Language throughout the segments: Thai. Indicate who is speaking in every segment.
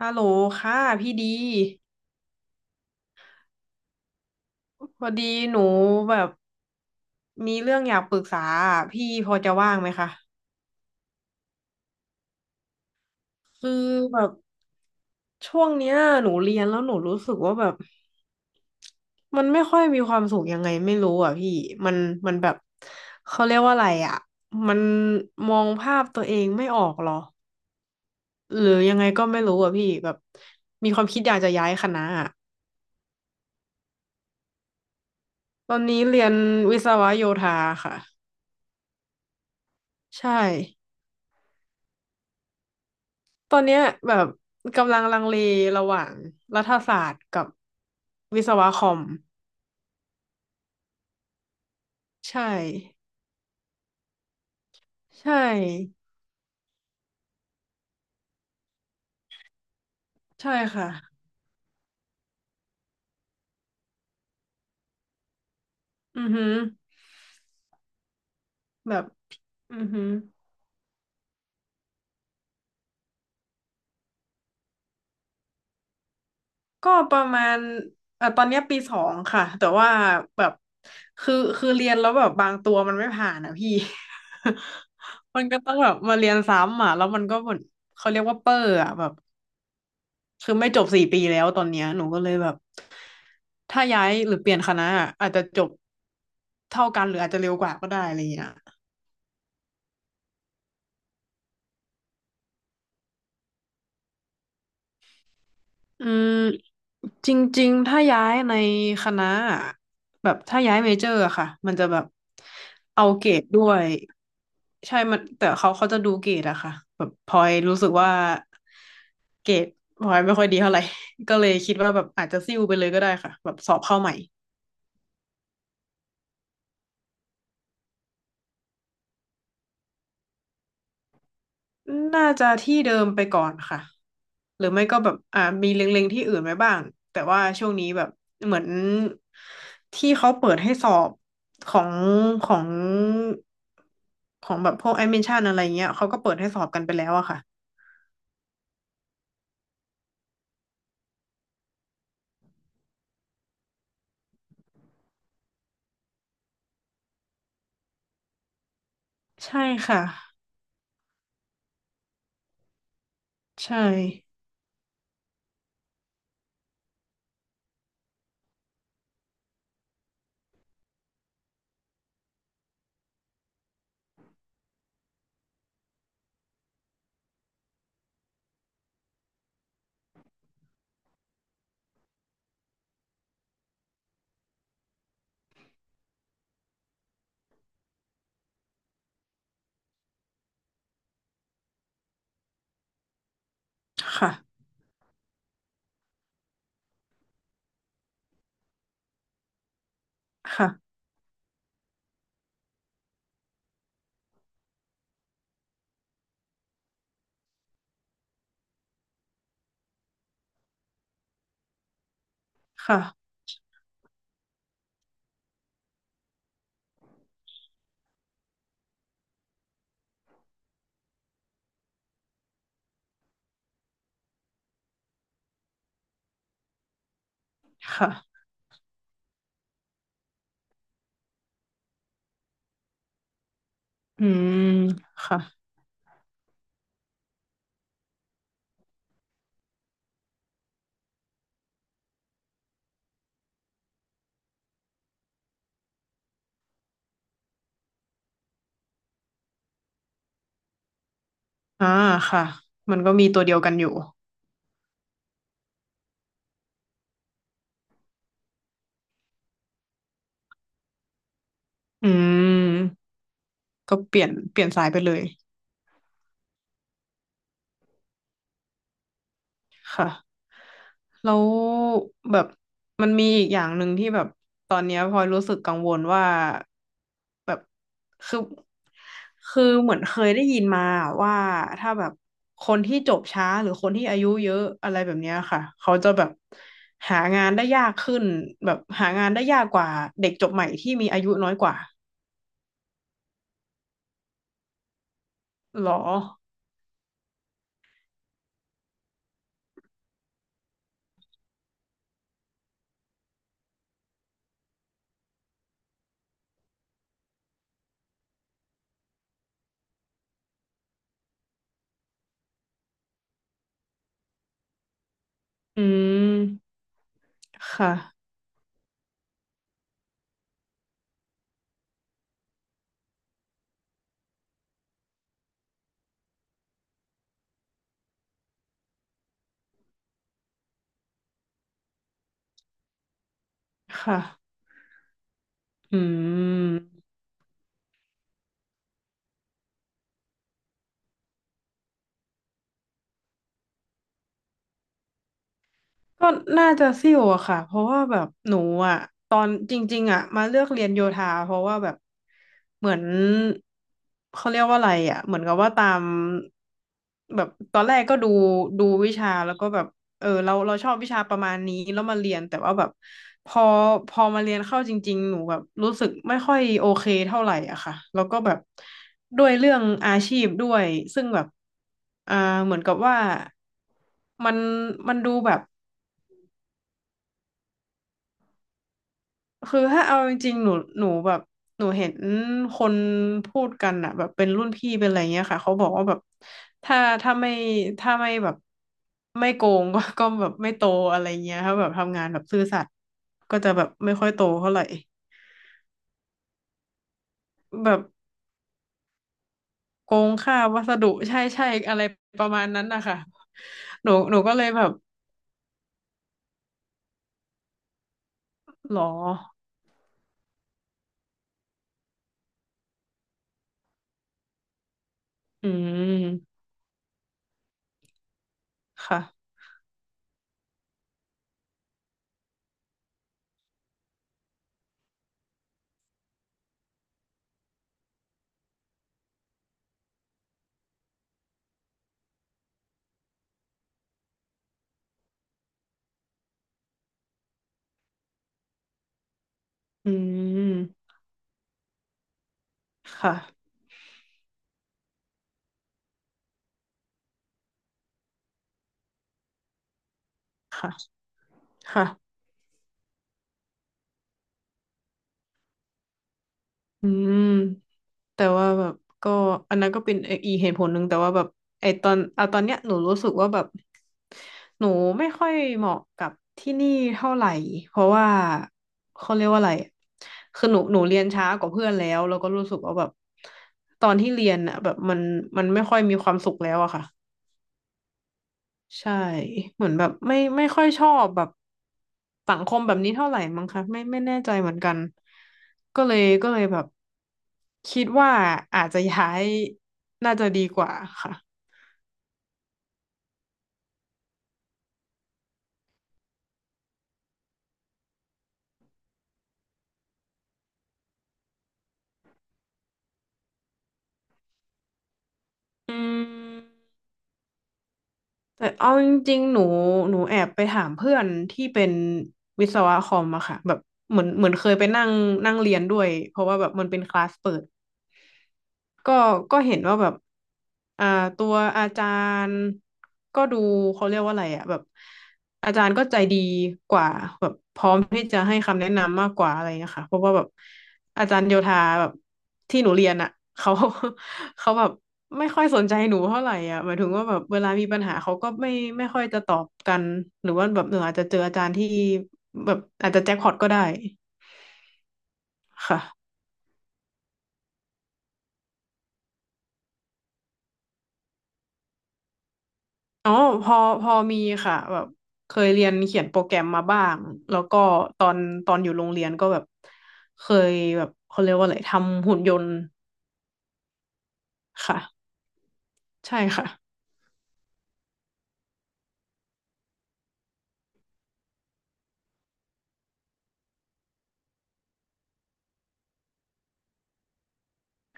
Speaker 1: ฮัลโหลค่ะพี่ดีพอดีหนูแบบมีเรื่องอยากปรึกษาอะพี่พอจะว่างไหมคะคือแบบช่วงเนี้ยหนูเรียนแล้วหนูรู้สึกว่าแบบมันไม่ค่อยมีความสุขยังไงไม่รู้อ่ะพี่มันแบบเขาเรียกว่าอะไรอ่ะมันมองภาพตัวเองไม่ออกหรอหรือยังไงก็ไม่รู้อ่ะพี่แบบมีความคิดอยากจะย้ายคณะอะตอนนี้เรียนวิศวะโยธาค่ะใช่ ตอนเนี้ยแบบกำลังลังเลระหว่างรัฐศาสตร์กับวิศวะคอมใช่ใช่ใช่ค่ะอือหือแบบอือหือก็ประมาณตอนเนี้ยปีสองค่ะแต่ว่าแบบคือเรียนแล้วแบบบางตัวมันไม่ผ่านอ่ะพี่ มันก็ต้องแบบมาเรียนซ้ำอ่ะแล้วมันก็เหมือนเขาเรียกว่าเปอร์อ่ะแบบ คือไม่จบสี่ปีแล้วตอนเนี้ยหนูก็เลยแบบถ้าย้ายหรือเปลี่ยนคณะอะอาจจะจบเท่ากันหรืออาจจะเร็วกว่าก็ได้อะไรอย่างเงี้ยอืมจริงๆถ้าย้ายในคณะอะแบบถ้าย้ายเมเจอร์อะค่ะมันจะแบบเอาเกรดด้วยใช่มันแต่เขาเขาจะดูเกรดอะค่ะแบบพลอยรู้สึกว่าเกรดพลอยไม่ค่อยดีเท่าไหร่ ก็เลยคิดว่าแบบอาจจะซิ่วไปเลยก็ได้ค่ะแบบสอบเข้าใหม่ น่าจะที่เดิมไปก่อนค่ะหรือไม่ก็แบบมีเล็งๆที่อื่นไว้บ้างแต่ว่าช่วงนี้แบบเหมือนที่เขาเปิดให้สอบของของของแบบพวกแอดมิชชั่นอะไรเงี้ยเขาก็เปิดให้สอบกันไปแล้วอะค่ะใช่ค่ะใช่ค่ะค่ะค่ะค่ะอืมค่ะอ่าค่ะมันก็มีตัวเดียวกันอยู่อืมก็เปลี่ยนเปลี่ยนสายไปเลย ค่ะแล้วแบบมันมีอีกอย่างหนึ่งที่แบบตอนเนี้ยพลอยรู้สึกกังวลว่าแบบคือคือเหมือนเคยได้ยินมาว่าถ้าแบบคนที่จบช้าหรือคนที่อายุเยอะอะไรแบบเนี้ยค่ะเขาจะแบบหางานได้ยากขึ้นแบบหางานได้ยากกว่าเด็กจบใหม่ที่มีอายุน้อยกว่าหรออืมค่ะค่ะอืม ก็น่าจะซิ่วอะค่ะเพราะว่าแบบหนูอะตอนจริงๆอะมาเลือกเรียนโยธาเพราะว่าแบบเหมือนเขาเรียกว่าอะไรอะเหมือนกับว่าตามแบบตอนแรกก็ดูดูวิชาแล้วก็แบบเออเราชอบวิชาประมาณนี้แล้วมาเรียนแต่ว่าแบบพอพอมาเรียนเข้าจริงๆหนูแบบรู้สึกไม่ค่อยโอเคเท่าไหร่อะค่ะแล้วก็แบบด้วยเรื่องอาชีพด้วยซึ่งแบบอ่าเหมือนกับว่ามันดูแบบ คือถ้าเอาจริงๆ หนูหนูแบบหนูเห็นคนพูดกันอะแบบเป็นรุ่นพี่เป็นอะไรเงี้ยค่ะเขาบอกว่าแบบถ้าถ้าไม่ถ้าไม่แบบไม่โกงก็แบบไม่โตอะไรเงี้ยถ้าแบบทำงานแบบซื่อสัตย์ก็จะแบบไม่ค่อยโตเท่าไหร่แบบโกงค่าวัสดุใช่ใช่อะไรประมาณนั้นนะคะหนูก็เลยแบบหรออืม ค่ะ อืม ค่ะ ค่ะค่ะอืม แต่ว่าแบบก็อันนั้นก็เป็นอีกเหตุผลหนึ่งแต่ว่าแบบไอตอนเอาตอนเนี้ยหนูรู้สึกว่าแบบหนูไม่ค่อยเหมาะกับที่นี่เท่าไหร่เพราะว่าเขาเรียกว่าอะไรคือหนูเรียนช้ากว่าเพื่อนแล้วก็รู้สึกว่าแบบตอนที่เรียนอ่ะแบบมันไม่ค่อยมีความสุขแล้วอะค่ะ ใช่เหมือนแบบไม่ค่อยชอบแบบสังคมแบบนี้เท่าไหร่มั้งคะไม่ไม่แน่ใจเหมือนกันก็เลยแบบคิดว่าอาจจะย้ายน่าจะดีกว่าค่ะอืมแต่เอาจริงๆหนูแอบไปถามเพื่อนที่เป็นวิศวะคอมอะค่ะแบบเหมือนเคยไปนั่งนั่งเรียนด้วยเพราะว่าแบบมันเป็นคลาสเปิด ก็ก็เห็นว่าแบบอ่าตัวอาจารย์ก็ดูเขาเรียกว่าอะไรอะแบบอาจารย์ก็ใจดีกว่าแบบพร้อมที่จะให้คำแนะนำมากกว่าอะไรเงี้ยค่ะเพราะว่าแบบอาจารย์โยธาแบบที่หนูเรียนอ่ะเขา เขาแบบไม่ค่อยสนใจหนูเท่าไหร่อ่ะหมายถึงว่าแบบเวลามีปัญหาเขาก็ไม่ไม่ค่อยจะตอบกันหรือว่าแบบหนูอาจจะเจออาจารย์ที่แบบอาจจะแจ็คพอตก็ได้ค่ะ อ๋อพอพอมีค่ะแบบเคยเรียนเขียนโปรแกรมมาบ้างแล้วก็ตอนตอนอยู่โรงเรียนก็แบบเคยแบบเขาเรียกว่าอะไรทำหุ่นยนต์ค่ะใช่ค่ะ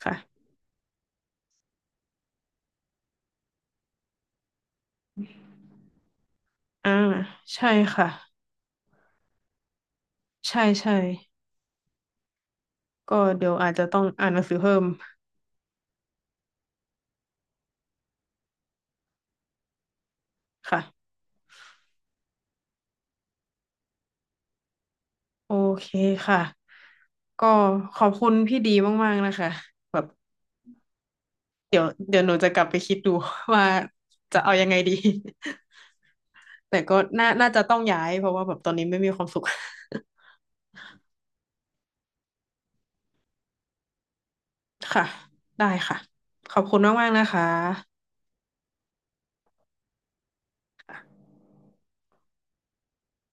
Speaker 1: ค่ะอ่าใช่ค่ะใช่ใช่ก็เดี๋ยวอาจจะต้องอ่านหนังสือเพิ่มค่ะโอเคค่ะก็ขอบคุณพี่ดีมากๆนะคะแบบเดี๋ยวเดี๋ยวหนูจะกลับไปคิดดู ว่าจะเอายังไงดี แต่ก็น่าน่าจะต้องย้ายเพราะว่าแบบตอนนี้ไม่มีความสุข ค่ะได้ค่ะขอบคุณมากๆนะคะ